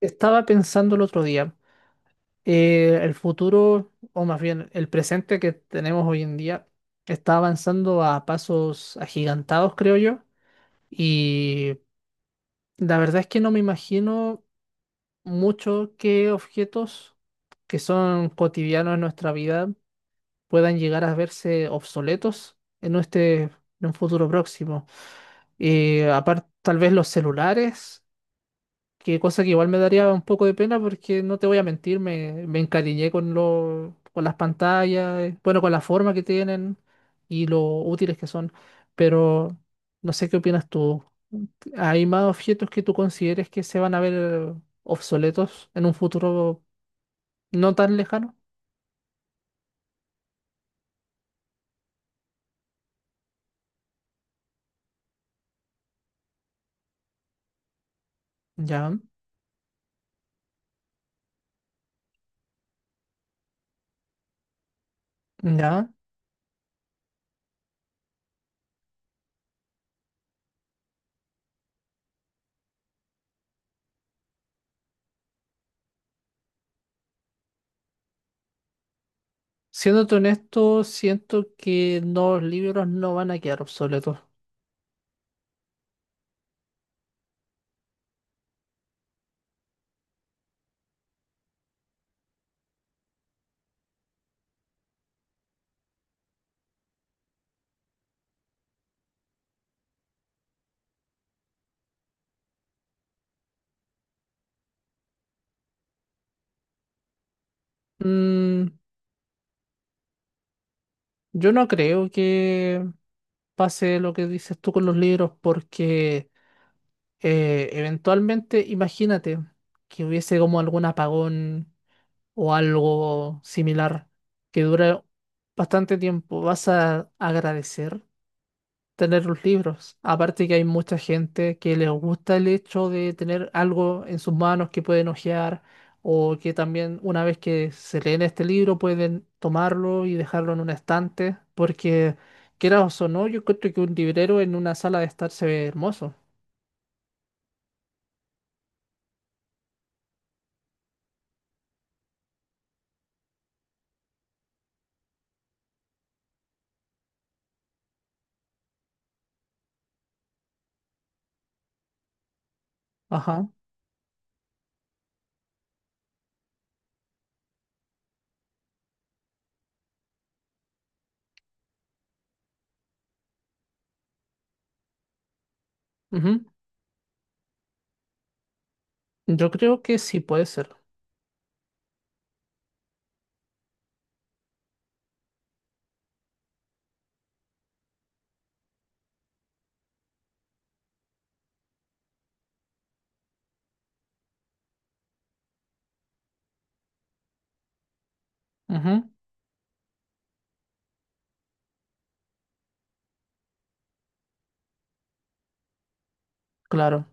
Estaba pensando el otro día, el futuro, o más bien el presente que tenemos hoy en día, está avanzando a pasos agigantados, creo yo, y la verdad es que no me imagino mucho qué objetos que son cotidianos en nuestra vida puedan llegar a verse obsoletos en un futuro próximo. Y aparte, tal vez los celulares. Que cosa que igual me daría un poco de pena porque no te voy a mentir, me encariñé con con las pantallas, bueno, con la forma que tienen y lo útiles que son, pero no sé qué opinas tú. ¿Hay más objetos que tú consideres que se van a ver obsoletos en un futuro no tan lejano? Ya, ya. Siéndote honesto, siento que no, los libros no van a quedar obsoletos. Mm, yo no creo que pase lo que dices tú con los libros, porque eventualmente imagínate que hubiese como algún apagón o algo similar que dure bastante tiempo. ¿Vas a agradecer tener los libros? Aparte que hay mucha gente que les gusta el hecho de tener algo en sus manos que pueden hojear, o que también una vez que se leen este libro pueden tomarlo y dejarlo en un estante porque quieras o so no, yo creo que un librero en una sala de estar se ve hermoso. Ajá. Ujú. Yo creo que sí puede ser. Ujú, claro,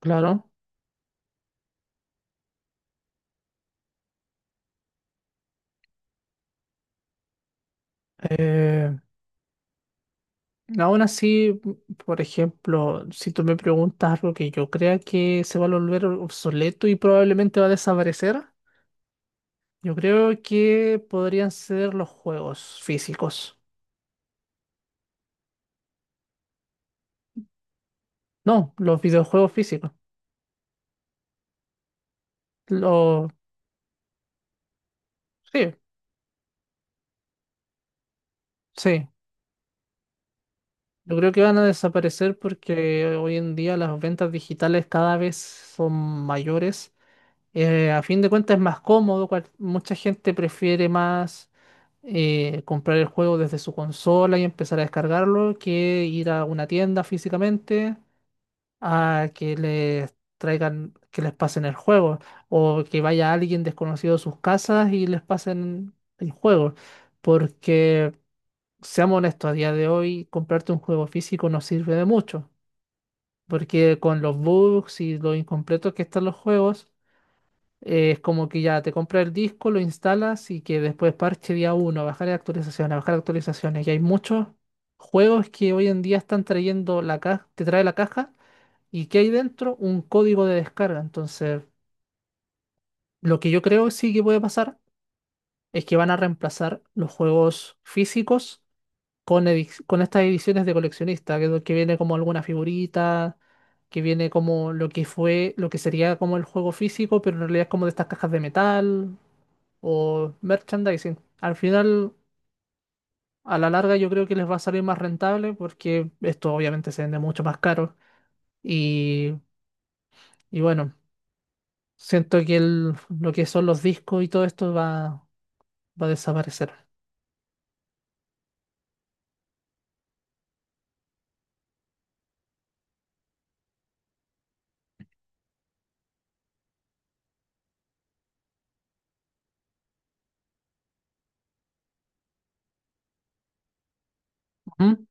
claro. Eh, aún así, por ejemplo, si tú me preguntas algo que yo crea que se va a volver obsoleto y probablemente va a desaparecer, yo creo que podrían ser los juegos físicos. No, los videojuegos físicos. Los... sí, sí. Yo creo que van a desaparecer porque hoy en día las ventas digitales cada vez son mayores. A fin de cuentas es más cómodo, mucha gente prefiere más comprar el juego desde su consola y empezar a descargarlo, que ir a una tienda físicamente a que les traigan, que les pasen el juego, o que vaya alguien desconocido a sus casas y les pasen el juego. Porque, seamos honestos, a día de hoy comprarte un juego físico no sirve de mucho, porque con los bugs y lo incompletos que están los juegos, es como que ya te compras el disco, lo instalas y que después parche día uno, bajar actualizaciones, bajar actualizaciones. Y hay muchos juegos que hoy en día están trayendo la caja, te trae la caja y que hay dentro un código de descarga. Entonces, lo que yo creo sí que puede pasar es que van a reemplazar los juegos físicos con estas ediciones de coleccionista, que es lo que viene como alguna figurita, que viene como lo que fue, lo que sería como el juego físico, pero en realidad es como de estas cajas de metal o merchandising. Al final, a la larga, yo creo que les va a salir más rentable porque esto obviamente se vende mucho más caro. Y, y bueno, siento que lo que son los discos y todo esto va a desaparecer. Ujú,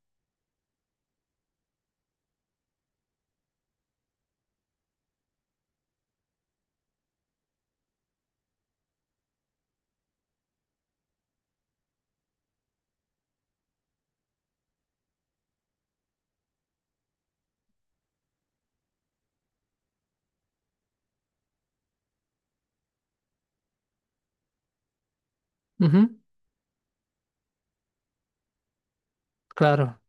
ujú, claro.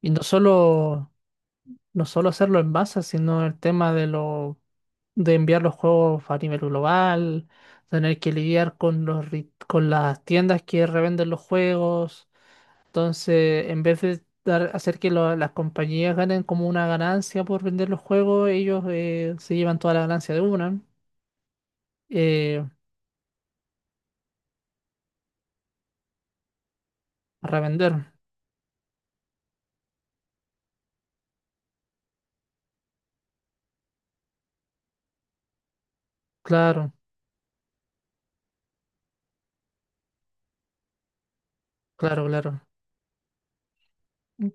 Y no solo, no solo hacerlo en masa, sino el tema de de enviar los juegos a nivel global, tener que lidiar con con las tiendas que revenden los juegos. Entonces, en vez de hacer que las compañías ganen como una ganancia por vender los juegos, ellos se llevan toda la ganancia de una eh, a revender. Claro, claro, claro. Mm,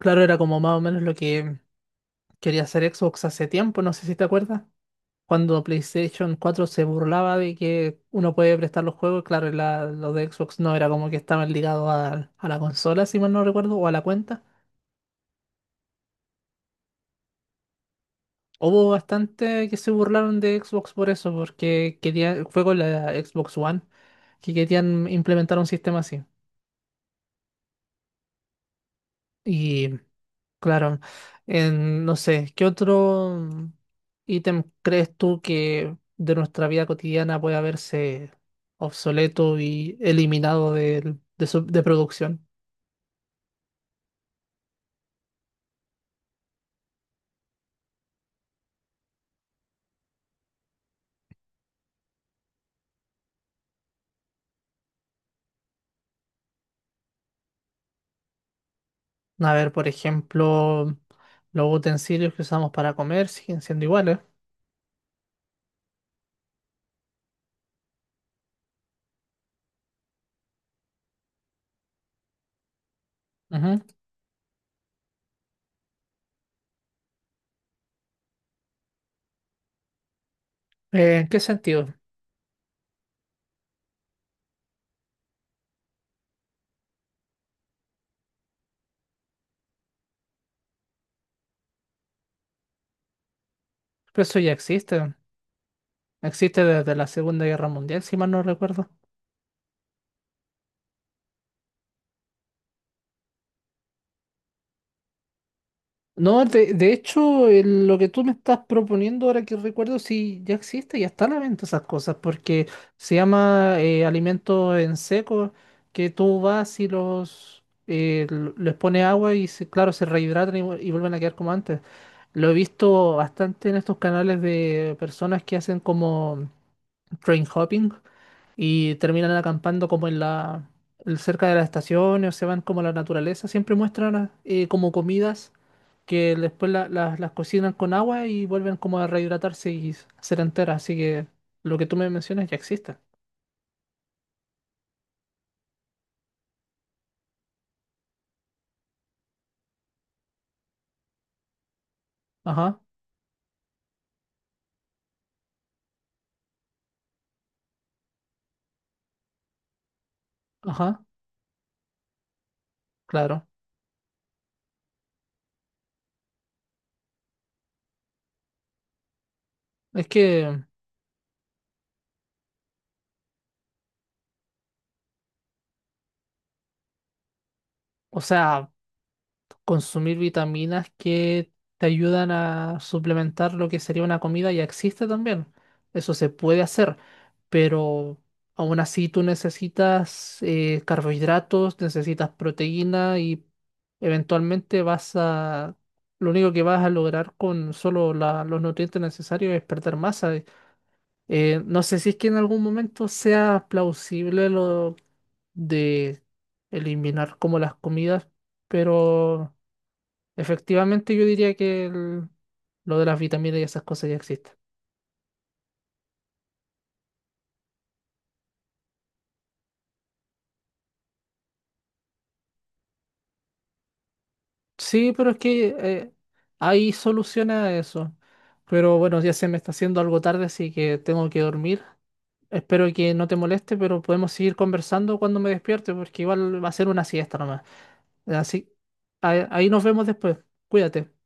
claro, era como más o menos lo que quería hacer Xbox hace tiempo, no sé si te acuerdas. Cuando PlayStation 4 se burlaba de que uno puede prestar los juegos, claro, y lo de Xbox no era como que estaban ligados a la consola, si mal no recuerdo, o a la cuenta. Hubo bastante que se burlaron de Xbox por eso, porque quería, fue con la Xbox One que querían implementar un sistema así. Y claro, en, no sé, ¿qué otro ítem crees tú que de nuestra vida cotidiana puede haberse obsoleto y eliminado de, de producción? A ver, por ejemplo, los utensilios que usamos para comer siguen siendo iguales. Ujú. ¿En qué sentido? Pero eso ya existe. Existe desde la Segunda Guerra Mundial, si mal no recuerdo. No, de hecho, lo que tú me estás proponiendo ahora que recuerdo, sí, ya existe, ya está a la venta esas cosas, porque se llama alimento en seco, que tú vas y los les pones agua y claro, se rehidratan y, y vuelven a quedar como antes. Lo he visto bastante en estos canales de personas que hacen como train hopping y terminan acampando como en cerca de las estaciones o se van como a la naturaleza. Siempre muestran como comidas que después las cocinan con agua y vuelven como a rehidratarse y ser enteras. Así que lo que tú me mencionas ya existe. Ajá, ajá, claro. Es que, o sea, consumir vitaminas que te ayudan a suplementar lo que sería una comida ya existe también. Eso se puede hacer, pero aún así tú necesitas carbohidratos, necesitas proteína y eventualmente vas a... Lo único que vas a lograr con solo los nutrientes necesarios es perder masa. No sé si es que en algún momento sea plausible lo de eliminar como las comidas, pero... Efectivamente, yo diría que lo de las vitaminas y esas cosas ya existen. Sí, pero es que hay solución a eso. Pero bueno, ya se me está haciendo algo tarde, así que tengo que dormir. Espero que no te moleste, pero podemos seguir conversando cuando me despierte, porque igual va a ser una siesta nomás. Así, ahí nos vemos después. Cuídate.